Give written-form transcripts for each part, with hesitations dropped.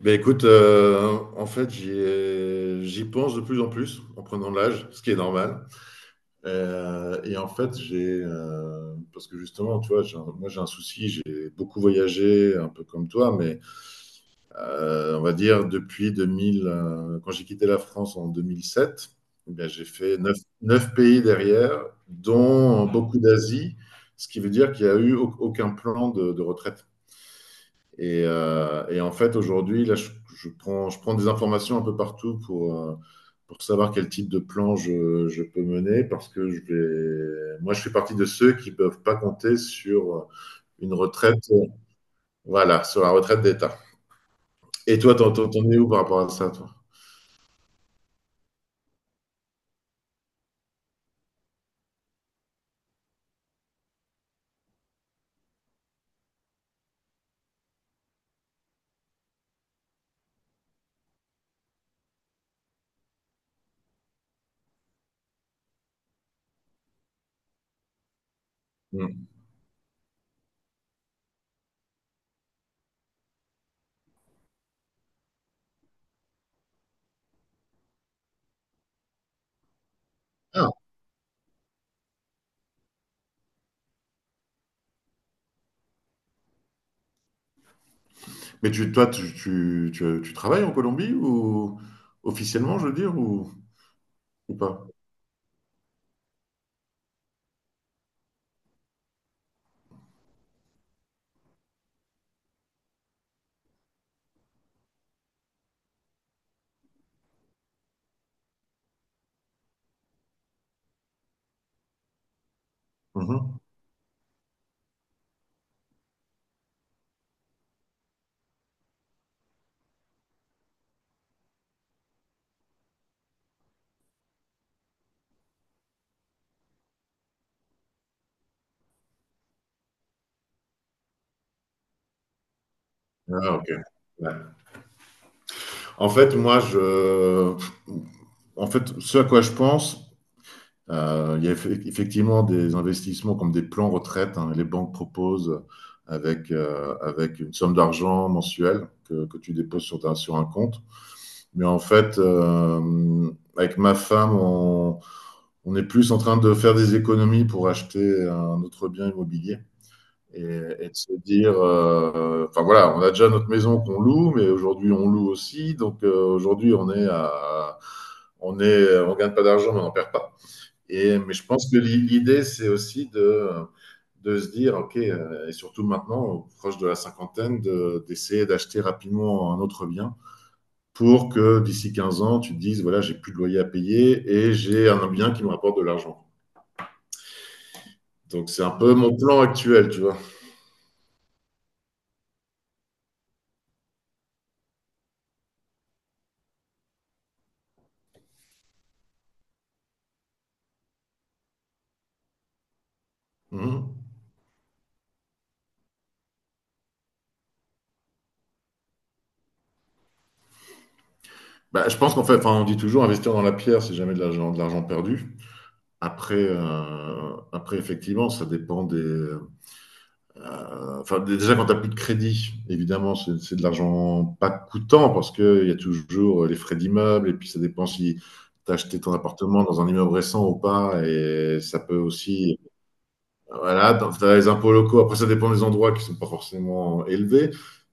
Ben écoute, en fait, j'y pense de plus en plus en prenant de l'âge, ce qui est normal. Et en fait, parce que justement, tu vois, moi j'ai un souci, j'ai beaucoup voyagé, un peu comme toi, mais on va dire depuis 2000, quand j'ai quitté la France en 2007, eh bien, j'ai fait neuf pays derrière, dont beaucoup d'Asie, ce qui veut dire qu'il n'y a eu aucun plan de retraite. Et en fait, aujourd'hui, là, je prends des informations un peu partout pour savoir quel type de plan je peux mener, parce que moi, je fais partie de ceux qui ne peuvent pas compter sur une retraite, voilà, sur la retraite d'État. Et toi, t'en es où par rapport à ça, toi? Hmm. Ah. Mais tu, toi, tu travailles en Colombie ou officiellement, je veux dire, ou pas? Mhm. Ah, ok. En fait, moi, en fait, ce à quoi je pense, il y a effectivement des investissements comme des plans retraite, hein. Les banques proposent avec une somme d'argent mensuelle que tu déposes sur un compte. Mais en fait, avec ma femme, on est plus en train de faire des économies pour acheter un autre bien immobilier et de se dire, enfin voilà, on a déjà notre maison qu'on loue, mais aujourd'hui on loue aussi. Donc aujourd'hui on est à, on est, on gagne pas d'argent, mais on n'en perd pas. Et mais je pense que l'idée c'est aussi de se dire, ok, et surtout maintenant, proche de la cinquantaine, d'essayer d'acheter rapidement un autre bien pour que d'ici 15 ans, tu te dises, voilà, j'ai plus de loyer à payer et j'ai un bien qui me rapporte de l'argent. Donc c'est un peu mon plan actuel, tu vois. Mhm. Bah, je pense qu'en fait, enfin, on dit toujours investir dans la pierre, c'est jamais de l'argent perdu. Après, effectivement, ça dépend des. Enfin, déjà, quand tu n'as plus de crédit, évidemment, c'est de l'argent pas coûtant parce qu'il y a toujours les frais d'immeuble et puis ça dépend si tu as acheté ton appartement dans un immeuble récent ou pas. Et ça peut aussi. Voilà, tu as les impôts locaux. Après, ça dépend des endroits qui sont pas forcément élevés.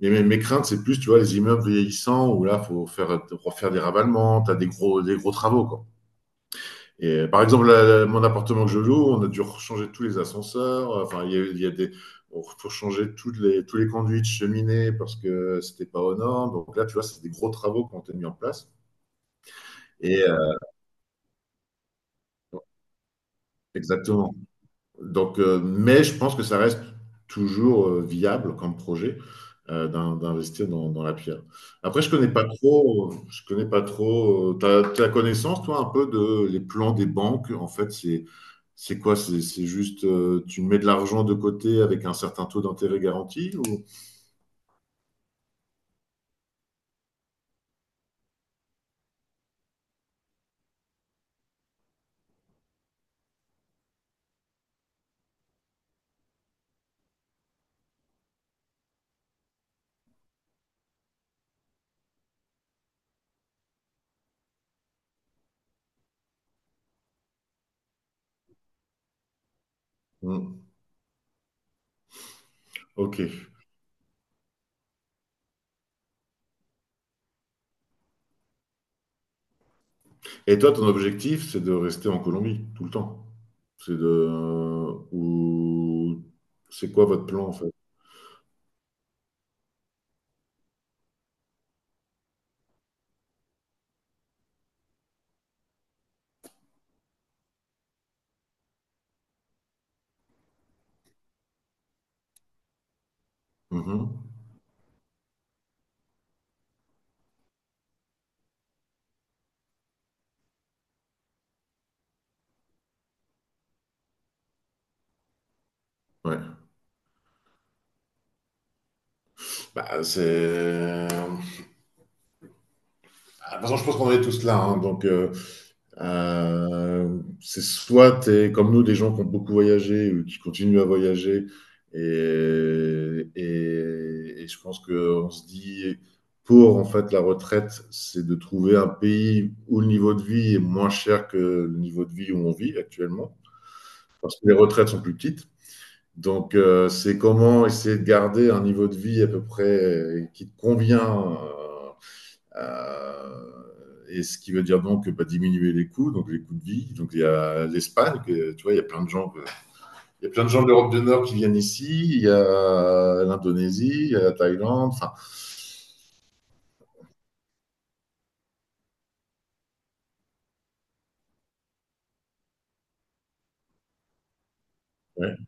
Mais mes craintes, c'est plus, tu vois, les immeubles vieillissants où là, refaire des ravalements, tu as des gros travaux, quoi. Et par exemple, mon appartement que je loue, on a dû changer tous les ascenseurs. Enfin, il y a des, on- faut changer tous les conduits de cheminée parce que c'était pas aux normes. Donc là, tu vois, c'est des gros travaux qui ont été mis en place. Et exactement. Donc, mais je pense que ça reste toujours viable comme projet d'investir dans la pierre. Après, je connais pas trop. T'as connaissance, toi, un peu de les plans des banques. En fait, c'est quoi? C'est juste tu mets de l'argent de côté avec un certain taux d'intérêt garanti ou... Hmm. Ok. Et toi, ton objectif, c'est de rester en Colombie tout le temps. C'est de ou c'est quoi votre plan en fait? Mhm. Ouais. De toute façon, je pense qu'on est tous là, hein. Euh, c'est soit t'es comme nous, des gens qui ont beaucoup voyagé ou qui continuent à voyager. Et je pense qu'on se dit, pour en fait la retraite, c'est de trouver un pays où le niveau de vie est moins cher que le niveau de vie où on vit actuellement. Parce que les retraites sont plus petites. Donc, c'est comment essayer de garder un niveau de vie à peu près qui te convient Euh, et ce qui veut dire donc bah, diminuer les coûts, donc les coûts de vie. Donc il y a l'Espagne, que, tu vois, il y a plein de gens de l'Europe du Nord qui viennent ici, il y a l'Indonésie, il y a la Thaïlande. Enfin, ouais.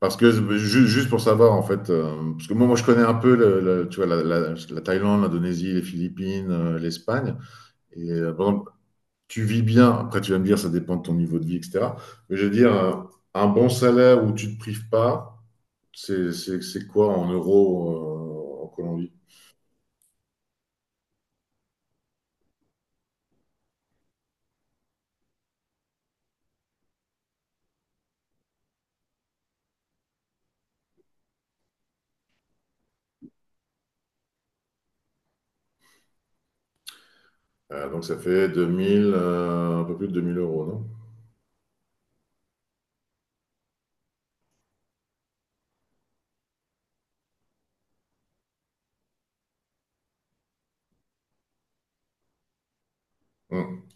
Parce que juste pour savoir en fait, parce que moi je connais un peu, tu vois, la Thaïlande, l'Indonésie, les Philippines, l'Espagne. Et par exemple, tu vis bien. Après tu vas me dire ça dépend de ton niveau de vie, etc. Mais je veux dire un bon salaire où tu te prives pas. C'est quoi en euros en Colombie? Donc ça fait 2000, un peu plus de 2000 euros, non? Hum.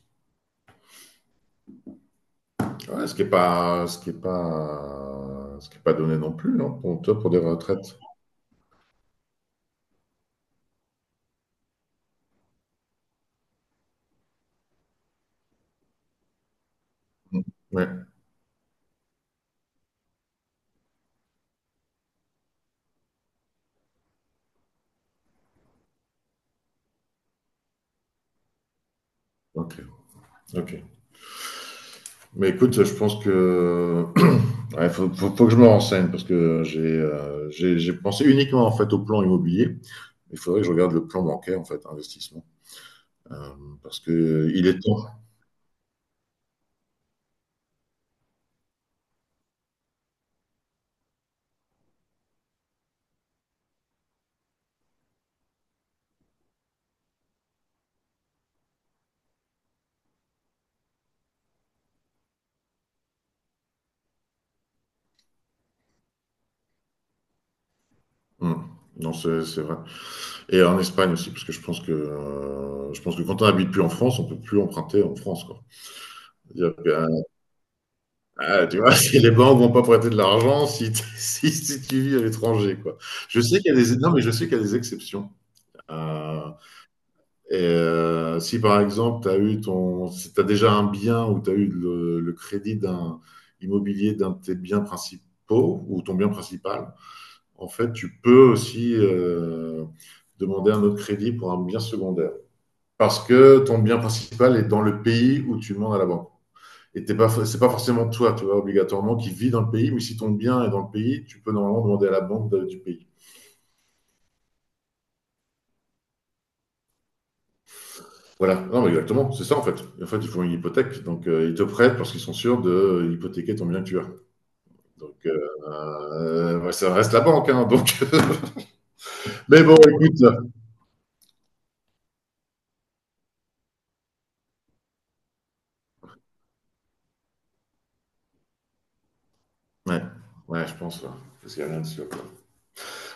Ouais, Ce qui n'est pas, ce qui est pas, ce qui est pas donné non plus, non? Pour toi, pour des retraites. Hum. Ouais, ok, ok. Mais écoute, je pense que faut que je me renseigne parce que j'ai pensé uniquement en fait au plan immobilier. Il faudrait que je regarde le plan bancaire en fait, investissement. Euh, Parce que il est temps. Hum. Non, c'est vrai. Et en Espagne aussi, parce que je pense que quand on n'habite plus en France, on ne peut plus emprunter en France, quoi. C'est-à-dire que, ah, tu vois, si les banques ne vont pas prêter de l'argent si, t- si tu vis à l'étranger, quoi. Je sais qu'il y a des, non, mais je sais qu'il y a des exceptions. Euh, et si par exemple, tu as eu ton, si t'as déjà un bien ou tu as eu le crédit d'un immobilier d'un de tes biens principaux ou ton bien principal, en fait, tu peux aussi demander un autre crédit pour un bien secondaire, parce que ton bien principal est dans le pays où tu demandes à la banque. Et t'es pas, c'est pas forcément toi, tu vois, obligatoirement, qui vit dans le pays, mais si ton bien est dans le pays, tu peux normalement demander à la banque du pays. Voilà. Non, mais exactement, c'est ça en fait. En fait, ils font une hypothèque, donc ils te prêtent parce qu'ils sont sûrs de hypothéquer ton bien que tu as. Donc, ouais, ça reste la banque, hein, donc. Mais bon, écoute. Ouais, ouais, je pense, ouais. Parce qu'il n'y a rien de sûr, quoi.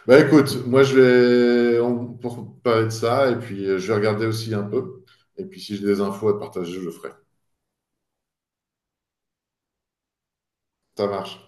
Bah écoute, moi je vais pour parler de ça, et puis je vais regarder aussi un peu. Et puis si j'ai des infos à partager, je le ferai. Ça marche.